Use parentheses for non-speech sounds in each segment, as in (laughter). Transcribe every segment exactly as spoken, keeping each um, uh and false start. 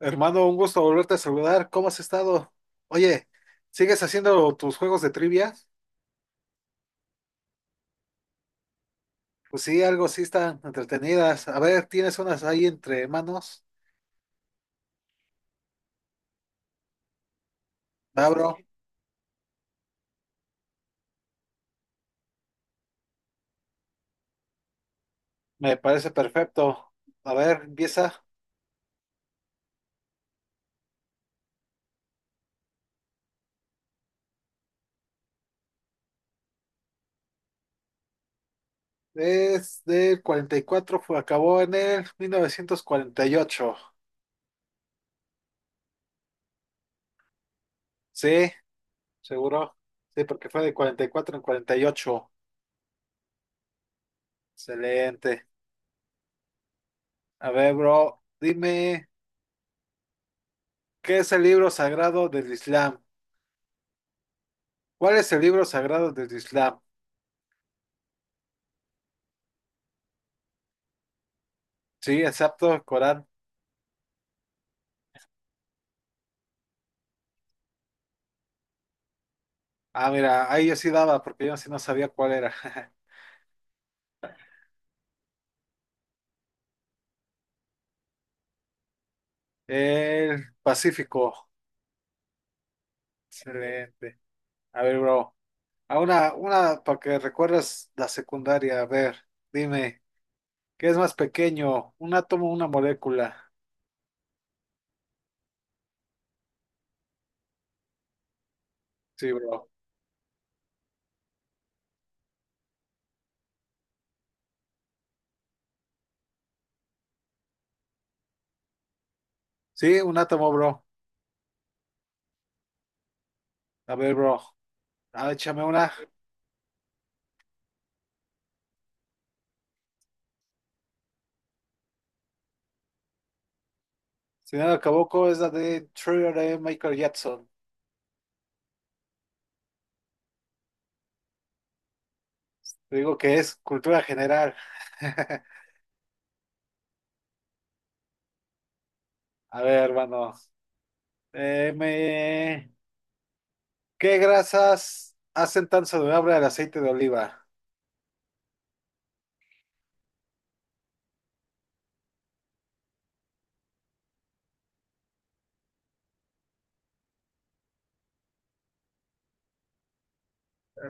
Hermano, un gusto volverte a saludar. ¿Cómo has estado? Oye, ¿sigues haciendo tus juegos de trivia? Pues sí, algo sí están entretenidas. A ver, ¿tienes unas ahí entre manos? Va, bro. Me parece perfecto. A ver, empieza. Desde el cuarenta y cuatro fue, acabó en el mil novecientos cuarenta y ocho. Sí, seguro. Sí, porque fue de cuarenta y cuatro en cuarenta y ocho. Excelente. A ver, bro, dime, ¿qué es el libro sagrado del Islam? ¿Cuál es el libro sagrado del Islam? Sí, exacto, el Corán. Ah, mira, ahí yo sí daba, porque yo sí no sabía cuál era. (laughs) El Pacífico. Excelente. A ver, bro. A una, una para que recuerdas la secundaria. A ver, dime, ¿qué es más pequeño? ¿Un átomo o una molécula? Sí, bro. Sí, un átomo, bro. A ver, bro. Ah, échame una. Si no la equivoco, es la de Thriller de Michael Jackson. Te digo que es cultura general. (laughs) A ver, hermano. Eh, me... ¿Qué grasas hacen tan saludable el aceite de oliva?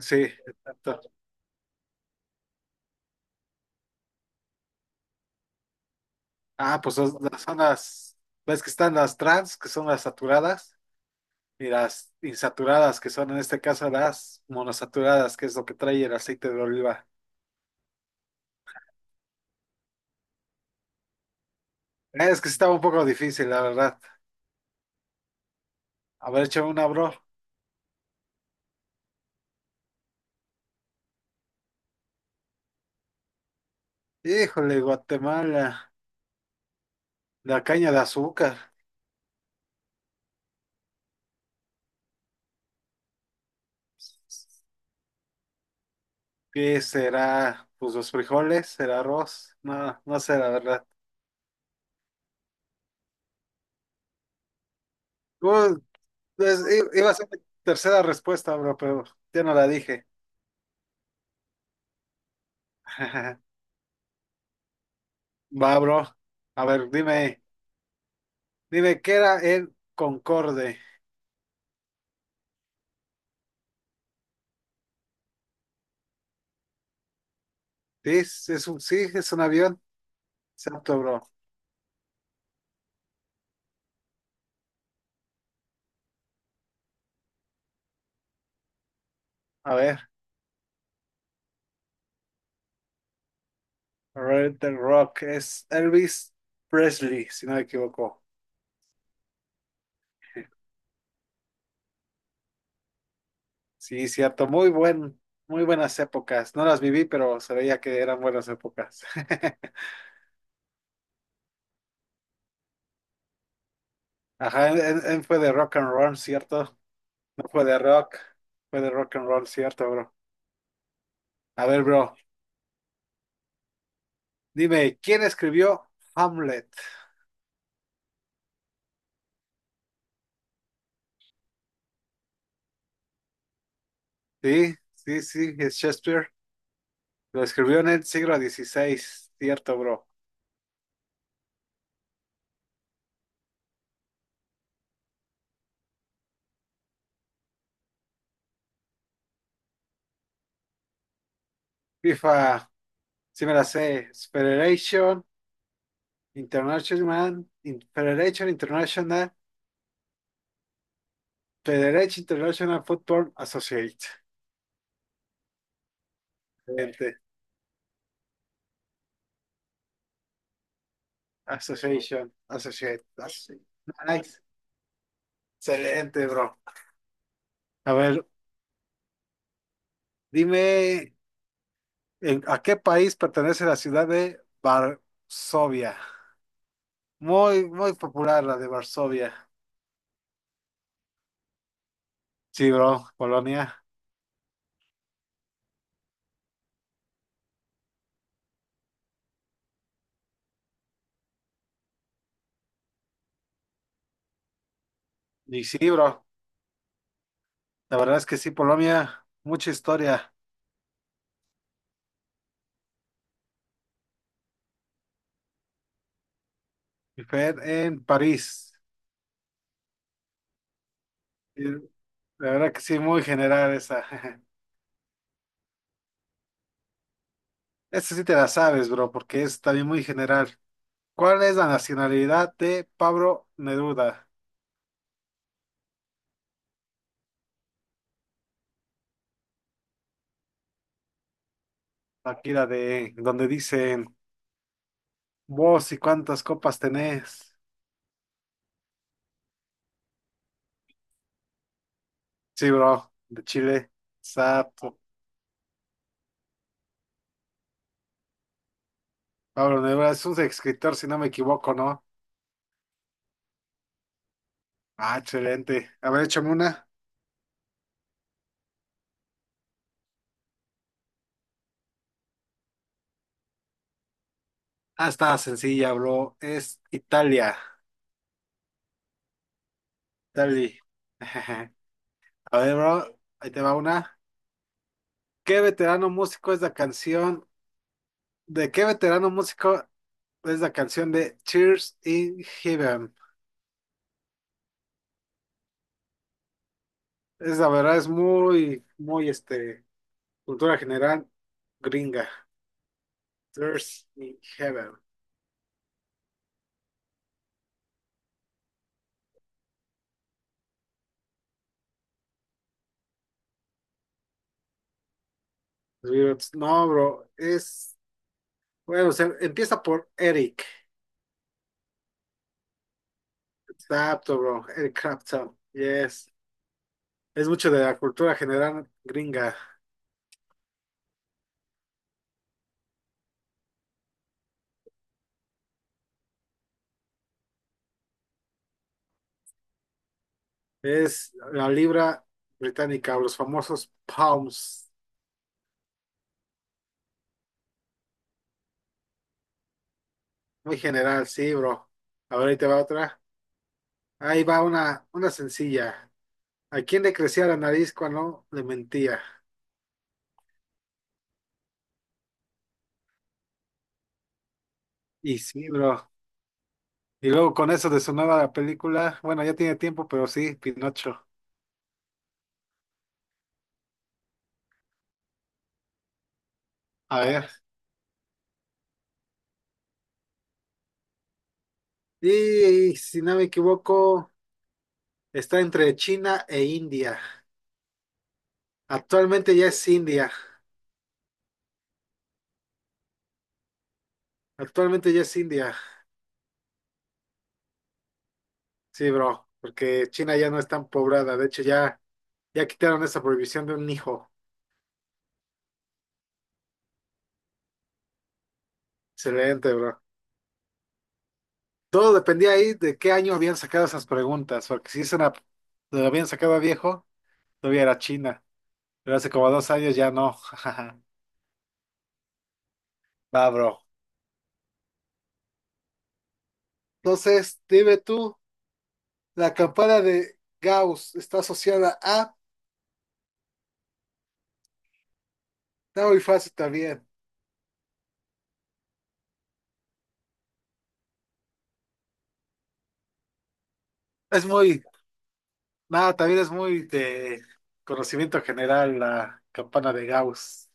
Sí, exacto. Ah, pues son son las, ves que están las trans, que son las saturadas, y las insaturadas, que son en este caso las monosaturadas, que es lo que trae el aceite de oliva. Eh, Es que sí estaba un poco difícil, la verdad. A ver, échame una, bro. Híjole, Guatemala, la caña de azúcar. ¿Qué será? Pues los frijoles, el arroz. No, no sé, la verdad. Pues, i- iba a ser mi tercera respuesta, bro, pero ya no la dije. (laughs) Va, bro. A ver, dime, dime, ¿qué era el Concorde? Sí, es es un, sí, es un avión. Exacto, bro. A ver, Red the Rock es Elvis Presley, si no me equivoco. Sí, cierto, muy buen, muy buenas épocas. No las viví, pero se veía que eran buenas épocas. (laughs) Ajá, él, él- él fue de rock and roll, ¿cierto? No fue de rock, fue de rock and roll, ¿cierto, bro? A ver, bro. Dime, ¿quién escribió Hamlet? Sí, sí, sí, es Shakespeare. Lo escribió en el siglo dieciséis, cierto, bro. FIFA, sí me la sé. Federation International, In- Federation International, Federation International Football Associate. Excelente. Association, Associate, Associate. Nice. Excelente, bro. A ver, dime, ¿en- ¿a qué país pertenece la ciudad de Varsovia? Muy, muy popular la de Varsovia. Sí, bro, Polonia. Y sí, bro, la verdad es que sí, Polonia, mucha historia. Y fue en París. Y la verdad que sí, muy general esa. (laughs) Esa sí te la sabes, bro, porque es también muy general. ¿Cuál es la nacionalidad de Pablo Neruda? Aquí la de donde dicen vos y cuántas copas tenés. Sí, bro, de Chile. Sapo. Pablo Neruda es un escritor, si no me equivoco, ¿no? Ah, excelente. A ver, échame una. Ah, está sencilla, bro. Es Italia. Italia. (laughs) A ver, bro, ahí te va una. ¿Qué veterano músico es la canción? ¿De qué veterano músico es la canción de Cheers in Heaven? Es la verdad, es muy, muy, este, cultura general gringa. Cheers in Heaven. No, bro, es, bueno, o sea, empieza por Eric. Está apto, bro. Eric Clapton. Yes. Es mucho de la cultura general gringa. Es la libra británica, los famosos pounds. Muy general, sí, bro. A ver, ahí te va otra. Ahí va una, una sencilla. ¿A quién le crecía la nariz cuando le mentía? Y sí, bro. Y luego con eso de su nueva película, bueno, ya tiene tiempo, pero sí, Pinocho. A ver. Y si no me equivoco, está entre China e India. Actualmente ya es India. Actualmente ya es India. Sí, bro, porque China ya no es tan poblada. De hecho, ya Ya quitaron esa prohibición de un hijo. Excelente, bro. Todo dependía ahí de qué año habían sacado esas preguntas, porque si es una, lo habían sacado a viejo, todavía era China, pero hace como dos años ya no. (laughs) Va, bro. Entonces, dime tú, la campana de Gauss está asociada a... Está muy fácil también. Es muy... Nada, también es muy de conocimiento general la campana de Gauss.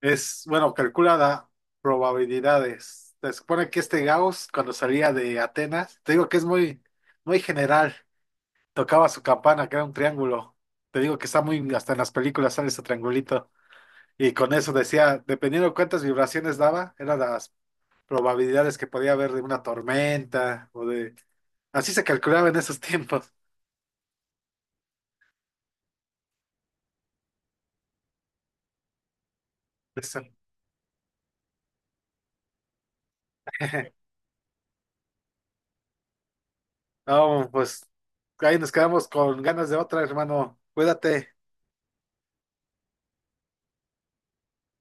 Es, bueno, calculada probabilidades. Se supone que este Gauss, cuando salía de Atenas, te digo que es muy, muy general. Tocaba su campana, que era un triángulo. Te digo que está muy, hasta en las películas sale ese triangulito. Y con eso decía, dependiendo de cuántas vibraciones daba, eran las probabilidades que podía haber de una tormenta o de... Así se calculaba en esos tiempos. Eso. (laughs) No, pues ahí nos quedamos con ganas de otra, hermano. Cuídate.